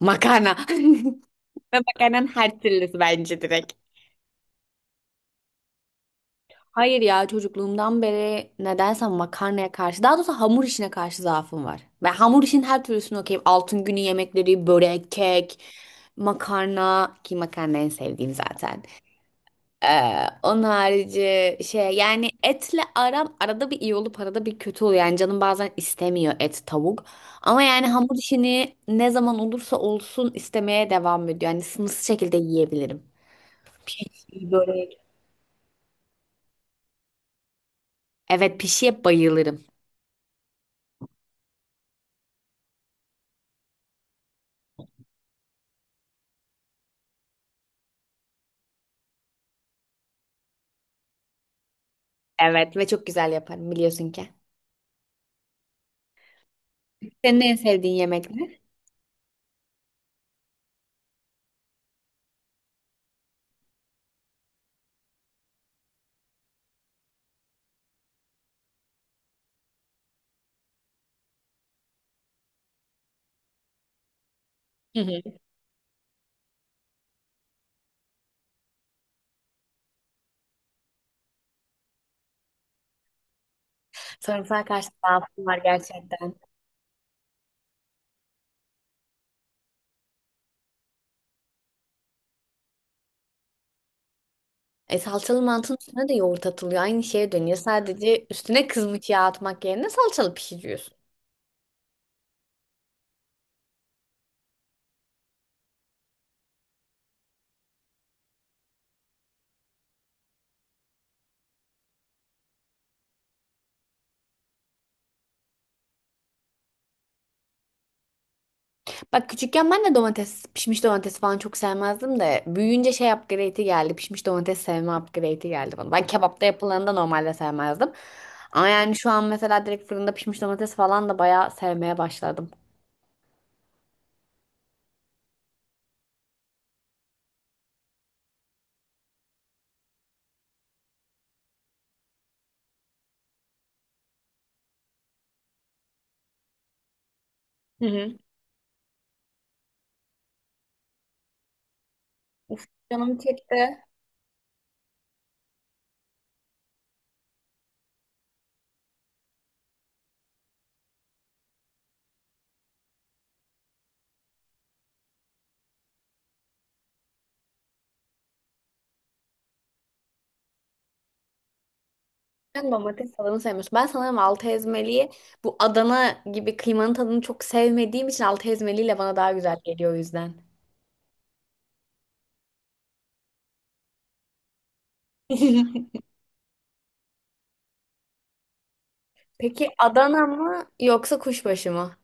Makarna. Ve makarnanın her türlüsü bence direkt. Hayır ya, çocukluğumdan beri nedense makarnaya karşı, daha doğrusu hamur işine karşı zaafım var. Ben hamur işin her türlüsünü okeyim. Altın günü yemekleri, börek, kek, makarna ki makarna en sevdiğim zaten. Onun harici şey, yani etle aram arada bir iyi olup arada bir kötü oluyor. Yani canım bazen istemiyor, et, tavuk. Ama yani hamur işini ne zaman olursa olsun istemeye devam ediyor. Yani sınırsız şekilde yiyebilirim. Pişi, börek. Evet, pişiye bayılırım. Evet, ve çok güzel yaparım biliyorsun ki. Senin en sevdiğin yemek ne? Hı hı. Sarımsağa karşı zaafım var gerçekten. E, salçalı mantının üstüne de yoğurt atılıyor. Aynı şeye dönüyor. Sadece üstüne kızmış yağ atmak yerine salçalı pişiriyorsun. Bak, küçükken ben de domates, pişmiş domates falan çok sevmezdim de büyüyünce şey, upgrade'i geldi. Pişmiş domates sevme upgrade'i geldi bana. Ben kebapta yapılanı da normalde sevmezdim. Ama yani şu an mesela direkt fırında pişmiş domates falan da bayağı sevmeye başladım. Hı hı. Uf, canım çekti. Sen domates tadını sevmiyorsun. Ben sanırım altı ezmeliyi, bu Adana gibi kıymanın tadını çok sevmediğim için altı ezmeliyle bana daha güzel geliyor o yüzden. Peki Adana mı yoksa kuşbaşı mı?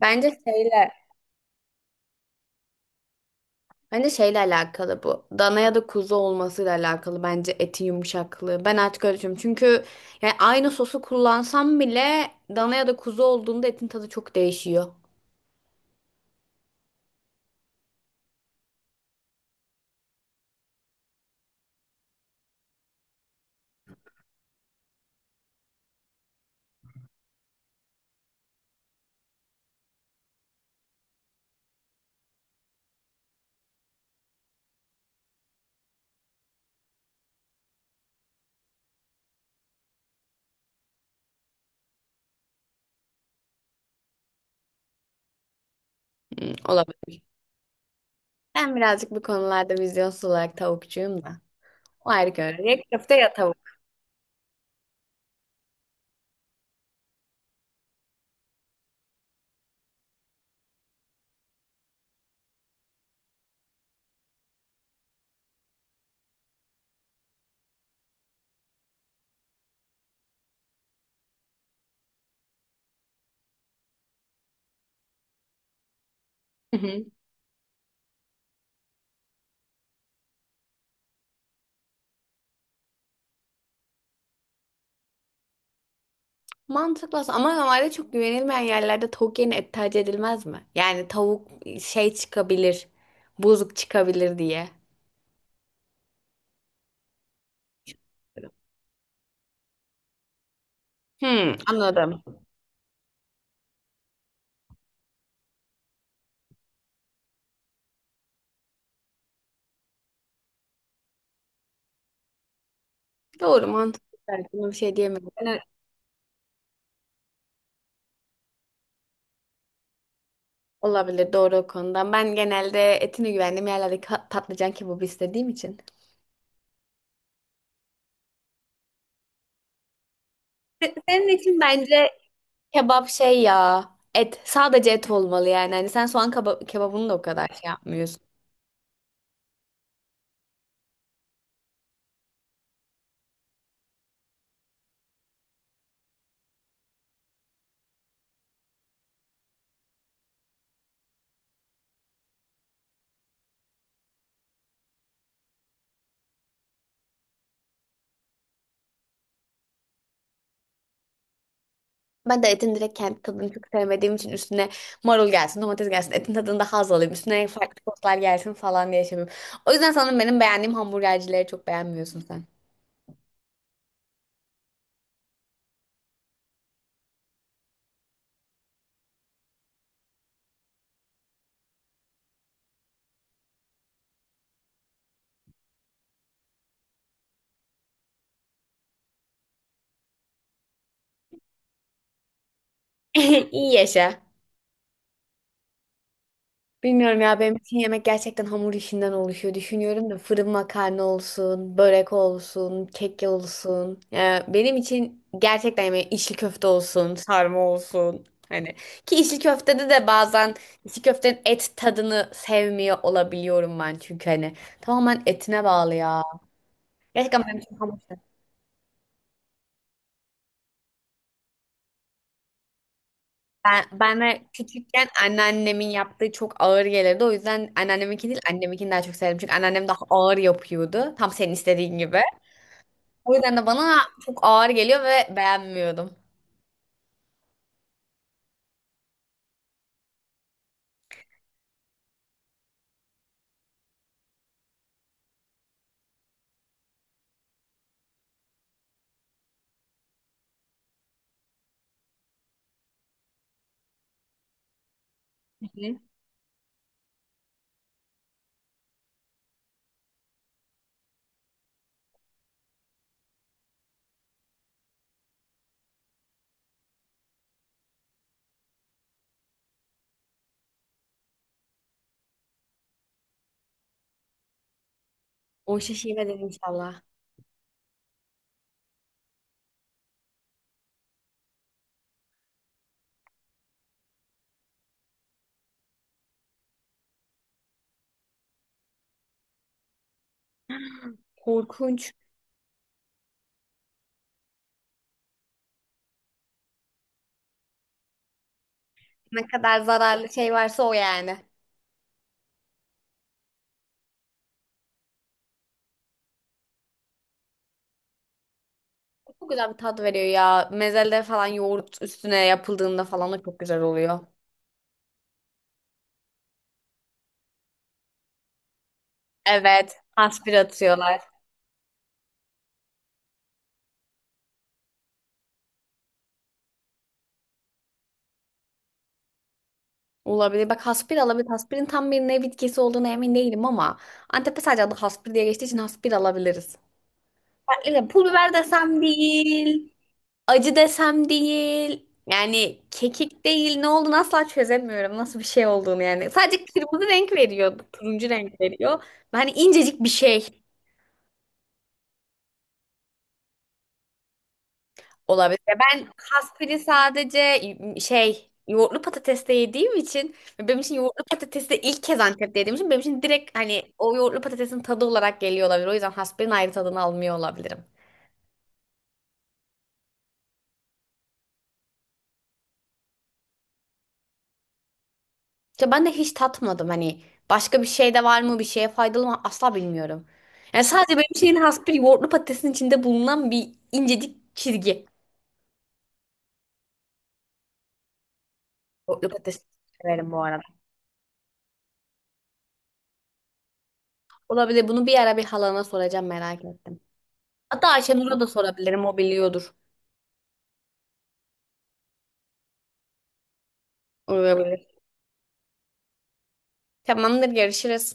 Bence şeyle, Bence şeyle alakalı bu. Dana ya da kuzu olmasıyla alakalı bence etin yumuşaklığı. Ben artık öyle düşünüyorum. Çünkü yani aynı sosu kullansam bile dana ya da kuzu olduğunda etin tadı çok değişiyor. Hmm, olabilir. Ben birazcık bu konularda vizyonsuz olarak tavukçuyum da. O ayrı, köfte. Ya köfte ya tavuk. Hı hı. Mantıklı aslında. Ama normalde çok güvenilmeyen yerlerde tavuk yerine et tercih edilmez mi? Yani tavuk şey çıkabilir, bozuk çıkabilir diye. Hmm, anladım. Doğru, mantıklı belki. Buna bir şey diyemiyorum. Yani olabilir, doğru o konuda. Ben genelde etine güvendiğim yerlerde patlıcan kebabı istediğim için. Senin için bence kebap şey ya. Et. Sadece et olmalı yani. Hani sen soğan kebabını da o kadar şey yapmıyorsun. Ben de etin direkt kendi tadını çok sevmediğim için üstüne marul gelsin, domates gelsin, etin tadında haz alayım, üstüne farklı soslar gelsin falan diye şey yapıyorum. O yüzden sanırım benim beğendiğim hamburgercileri çok beğenmiyorsun sen. İyi yaşa. Bilmiyorum ya, benim için yemek gerçekten hamur işinden oluşuyor. Düşünüyorum da fırın makarna olsun, börek olsun, kek olsun. Benim için gerçekten yemek içli köfte olsun, sarma olsun. Hani ki içli köftede de bazen içli köftenin et tadını sevmiyor olabiliyorum ben, çünkü hani tamamen etine bağlı ya. Gerçekten benim için hamur işi. Bana küçükken anneannemin yaptığı çok ağır gelirdi. O yüzden anneanneminki değil annemkini daha çok sevdim. Çünkü anneannem daha ağır yapıyordu. Tam senin istediğin gibi. O yüzden de bana çok ağır geliyor ve beğenmiyordum. Hı. O işe şivedir inşallah. Korkunç. Ne kadar zararlı şey varsa o yani. Çok güzel bir tat veriyor ya. Mezelde falan yoğurt üstüne yapıldığında falan da çok güzel oluyor. Evet. Hasbir atıyorlar. Olabilir. Bak, haspir alabilir. Haspirin tam bir ne bitkisi olduğuna emin değilim ama Antep'te sadece adı haspir diye geçtiği için haspir alabiliriz. Farklı da, pul biber desem değil, acı desem değil. Yani kekik değil, ne olduğunu asla çözemiyorum. Nasıl bir şey olduğunu yani. Sadece kırmızı renk veriyor. Turuncu renk veriyor. Hani incecik bir şey, olabilir. Ya ben kasperi sadece şey, yoğurtlu patatesle yediğim için ve benim için yoğurtlu patatesi de ilk kez Antep'te yediğim için, benim için direkt hani o yoğurtlu patatesin tadı olarak geliyor olabilir. O yüzden hasperin ayrı tadını almıyor olabilirim. İşte ben de hiç tatmadım, hani başka bir şey de var mı, bir şeye faydalı mı asla bilmiyorum. Yani sadece benim şeyin, has bir yoğurtlu patatesin içinde bulunan bir incecik çizgi. Yoğurtlu patates severim bu arada. Olabilir, bunu bir ara bir halana soracağım, merak ettim. Hatta Ayşenur'a da sorabilirim, o biliyordur. Olabilir. Tamamdır, görüşürüz.